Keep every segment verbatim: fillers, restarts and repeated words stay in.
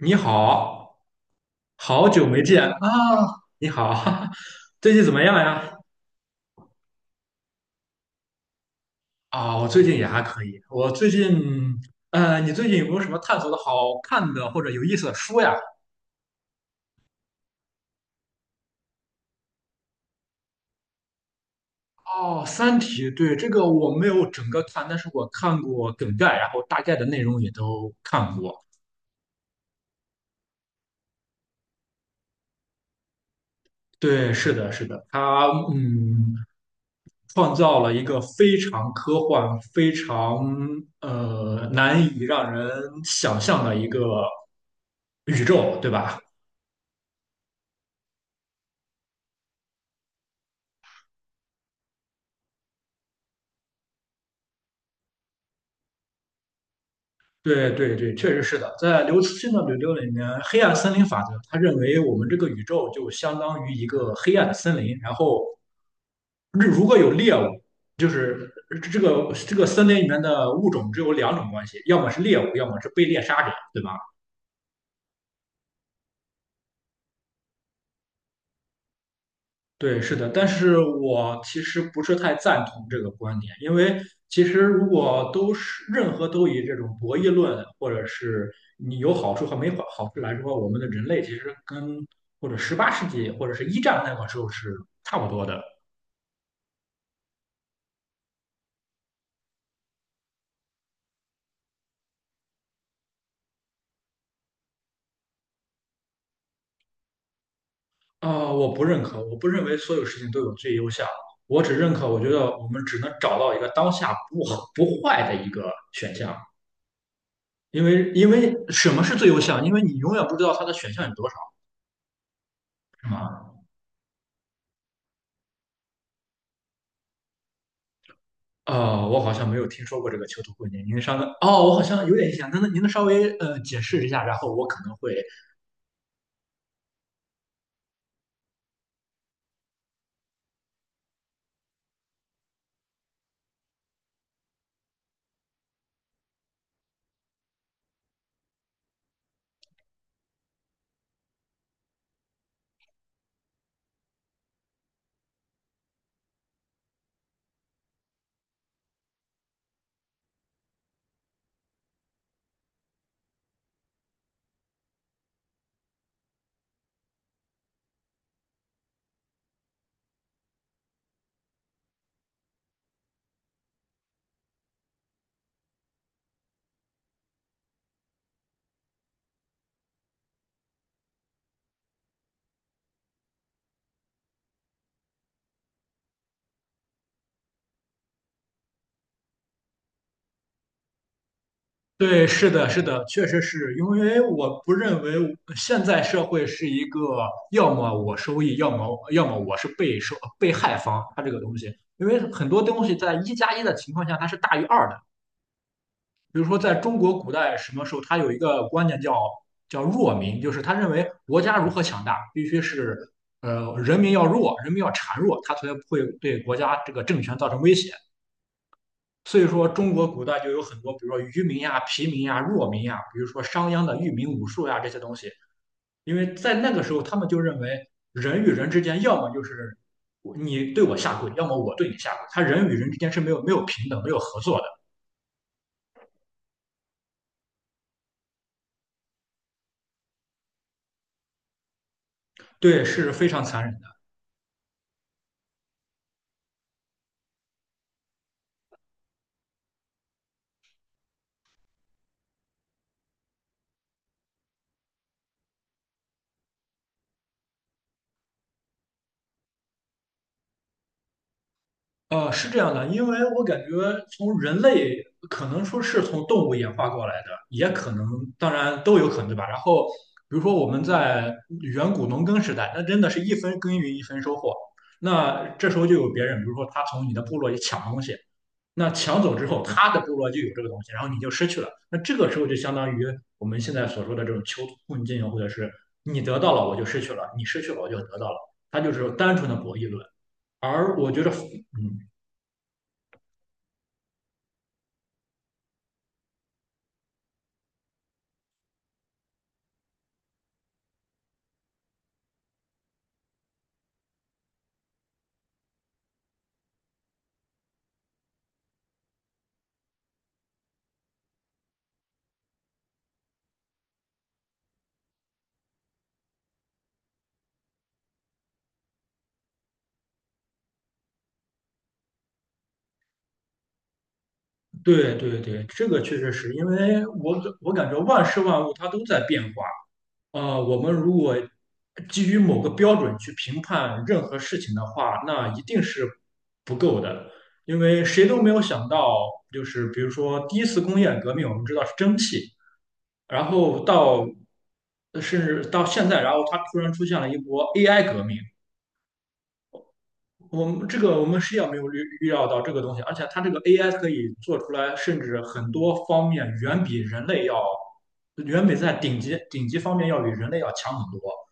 你好，好久没见啊！你好，最近怎么样呀？啊，我最近也还可以。我最近，呃，你最近有没有什么探索的好看的或者有意思的书呀？哦，《三体》，对，这个我没有整个看，但是我看过梗概，然后大概的内容也都看过。对，是的，是的，它，嗯。创造了一个非常科幻、非常呃难以让人想象的一个宇宙，对吧？对对对，确实是的。在刘慈欣的《柳柳》里面，黑暗森林法则，他认为我们这个宇宙就相当于一个黑暗的森林，然后日如果有猎物，就是这个这个森林里面的物种只有两种关系，要么是猎物，要么是被猎杀者，对吧？对，是的，但是我其实不是太赞同这个观点，因为其实如果都是任何都以这种博弈论，或者是你有好处和没好好处来说，我们的人类其实跟或者十八世纪或者是一战那个时候是差不多的。呃，我不认可，我不认为所有事情都有最优项，我只认可，我觉得我们只能找到一个当下不好不坏的一个选项，因为因为什么是最优项？因为你永远不知道它的选项有多少，是吗？呃，我好像没有听说过这个囚徒困境。您稍等，哦，我好像有点印象。那那您能稍微呃解释一下，然后我可能会对，是的，是的，确实是因为我不认为现在社会是一个要么我收益，要么要么我是被受被害方，它这个东西，因为很多东西在一加一的情况下它是大于二的，比如说，在中国古代什么时候，他有一个观念叫叫弱民，就是他认为国家如何强大，必须是呃人民要弱，人民要孱弱，他才会对国家这个政权造成威胁。所以说，中国古代就有很多，比如说愚民呀、疲民呀、弱民呀，比如说商鞅的御民武术呀这些东西，因为在那个时候，他们就认为人与人之间，要么就是你对我下跪，要么我对你下跪，他人与人之间是没有没有平等、没有合作的，对，是非常残忍的。呃，是这样的，因为我感觉从人类可能说是从动物演化过来的，也可能，当然都有可能，对吧？然后，比如说我们在远古农耕时代，那真的是一分耕耘一分收获。那这时候就有别人，比如说他从你的部落里抢东西，那抢走之后，他的部落就有这个东西，然后你就失去了。那这个时候就相当于我们现在所说的这种囚徒困境，或者是你得到了我就失去了，你失去了我就得到了，它就是单纯的博弈论。而我觉得，嗯，对对对，这个确实是因为我感我感觉万事万物它都在变化。呃，我们如果基于某个标准去评判任何事情的话，那一定是不够的，因为谁都没有想到，就是比如说第一次工业革命，我们知道是蒸汽，然后到呃甚至到现在，然后它突然出现了一波 A I 革命，我们这个我们是要没有预预料到这个东西，而且它这个 A I 可以做出来，甚至很多方面远比人类要，远比在顶级顶级方面要比人类要强很多。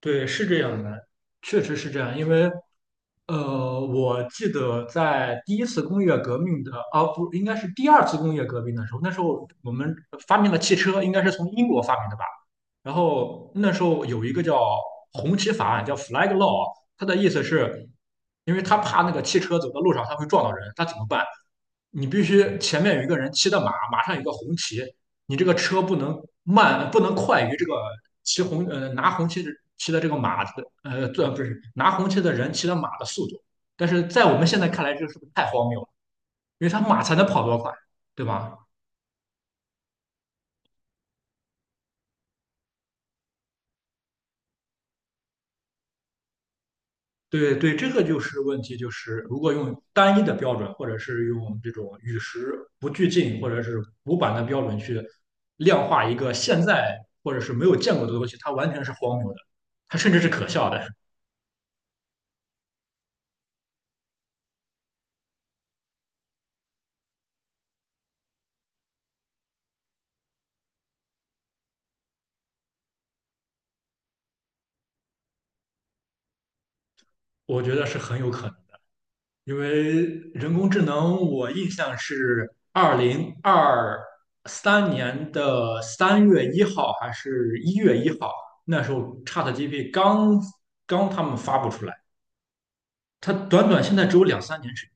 对，是这样的，确实是这样，因为呃，我记得在第一次工业革命的，啊，不，应该是第二次工业革命的时候，那时候我们发明了汽车，应该是从英国发明的吧。然后那时候有一个叫红旗法案，叫 Flag Law,它的意思是，因为他怕那个汽车走到路上它会撞到人，他怎么办？你必须前面有一个人骑的马，马上有个红旗，你这个车不能慢，不能快于这个骑红呃拿红旗的骑的这个马的呃，这不是拿红旗的人骑的马的速度。但是在我们现在看来，这个是不是太荒谬了？因为他马才能跑多快，对吧？对对，这个就是问题，就是如果用单一的标准，或者是用这种与时不俱进，或者是古板的标准去量化一个现在或者是没有见过的东西，它完全是荒谬的，它甚至是可笑的。我觉得是很有可能。因为人工智能，我印象是二零二三年的三月一号还是一月一号，那时候 ChatGPT 刚刚他们发布出来，它短短现在只有两三年时间，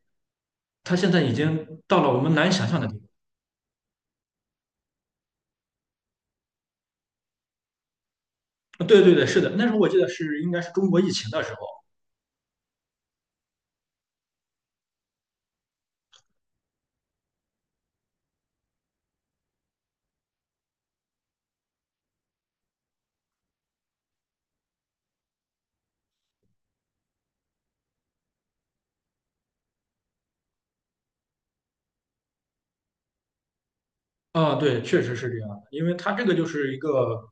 它现在已经到了我们难以想象的地步。对对对，是的，那时候我记得是应该是中国疫情的时候，啊，对，确实是这样的，因为他这个就是一个，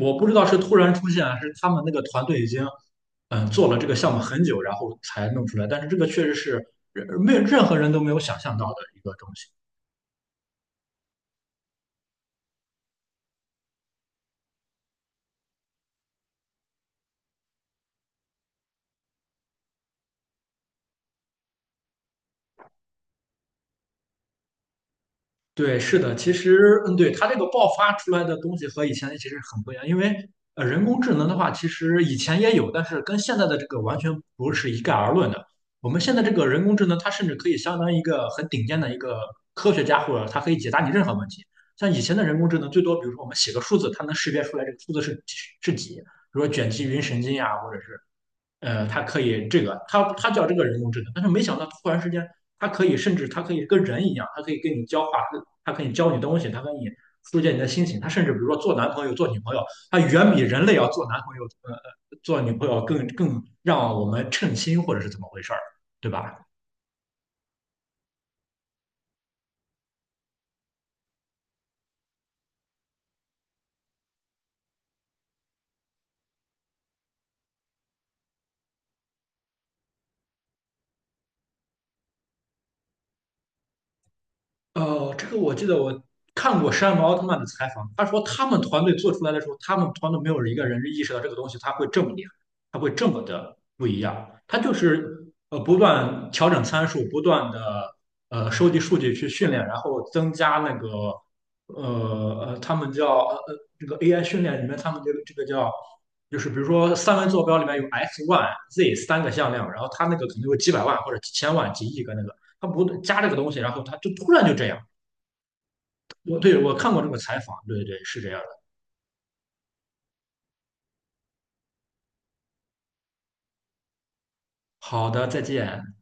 我不知道是突然出现，还是他们那个团队已经嗯、呃做了这个项目很久，然后才弄出来，但是这个确实是呃没有任何人都没有想象到的一个东西。对，是的，其实，嗯，对，它这个爆发出来的东西和以前其实很不一样，因为呃，人工智能的话，其实以前也有，但是跟现在的这个完全不是一概而论的。我们现在这个人工智能，它甚至可以相当于一个很顶尖的一个科学家，或者它可以解答你任何问题。像以前的人工智能，最多比如说我们写个数字，它能识别出来这个数字是是几，比如说卷积云神经呀、或者是呃，他可以这个，他他叫这个人工智能，但是没想到突然之间，他可以甚至他可以跟人一样，他可以跟你交话，他可以教你东西，他跟你疏解你的心情，他甚至比如说做男朋友、做女朋友，他远比人类要做男朋友、呃做女朋友更更让我们称心或者是怎么回事儿，对吧？呃，这个我记得我看过山姆奥特曼的采访，他说他们团队做出来的时候，他们团队没有一个人意识到这个东西它会这么厉害，它会这么的不一样。他就是呃不断调整参数，不断的呃收集数据去训练，然后增加那个呃呃他们叫呃呃这个 A I 训练里面他们这个这个叫就是比如说三维坐标里面有 x、y、z 三个向量，然后它那个可能有几百万或者几千万、几亿个那个。他不加这个东西，然后他就突然就这样。我对我看过这个采访，对对是这样的。好的，再见。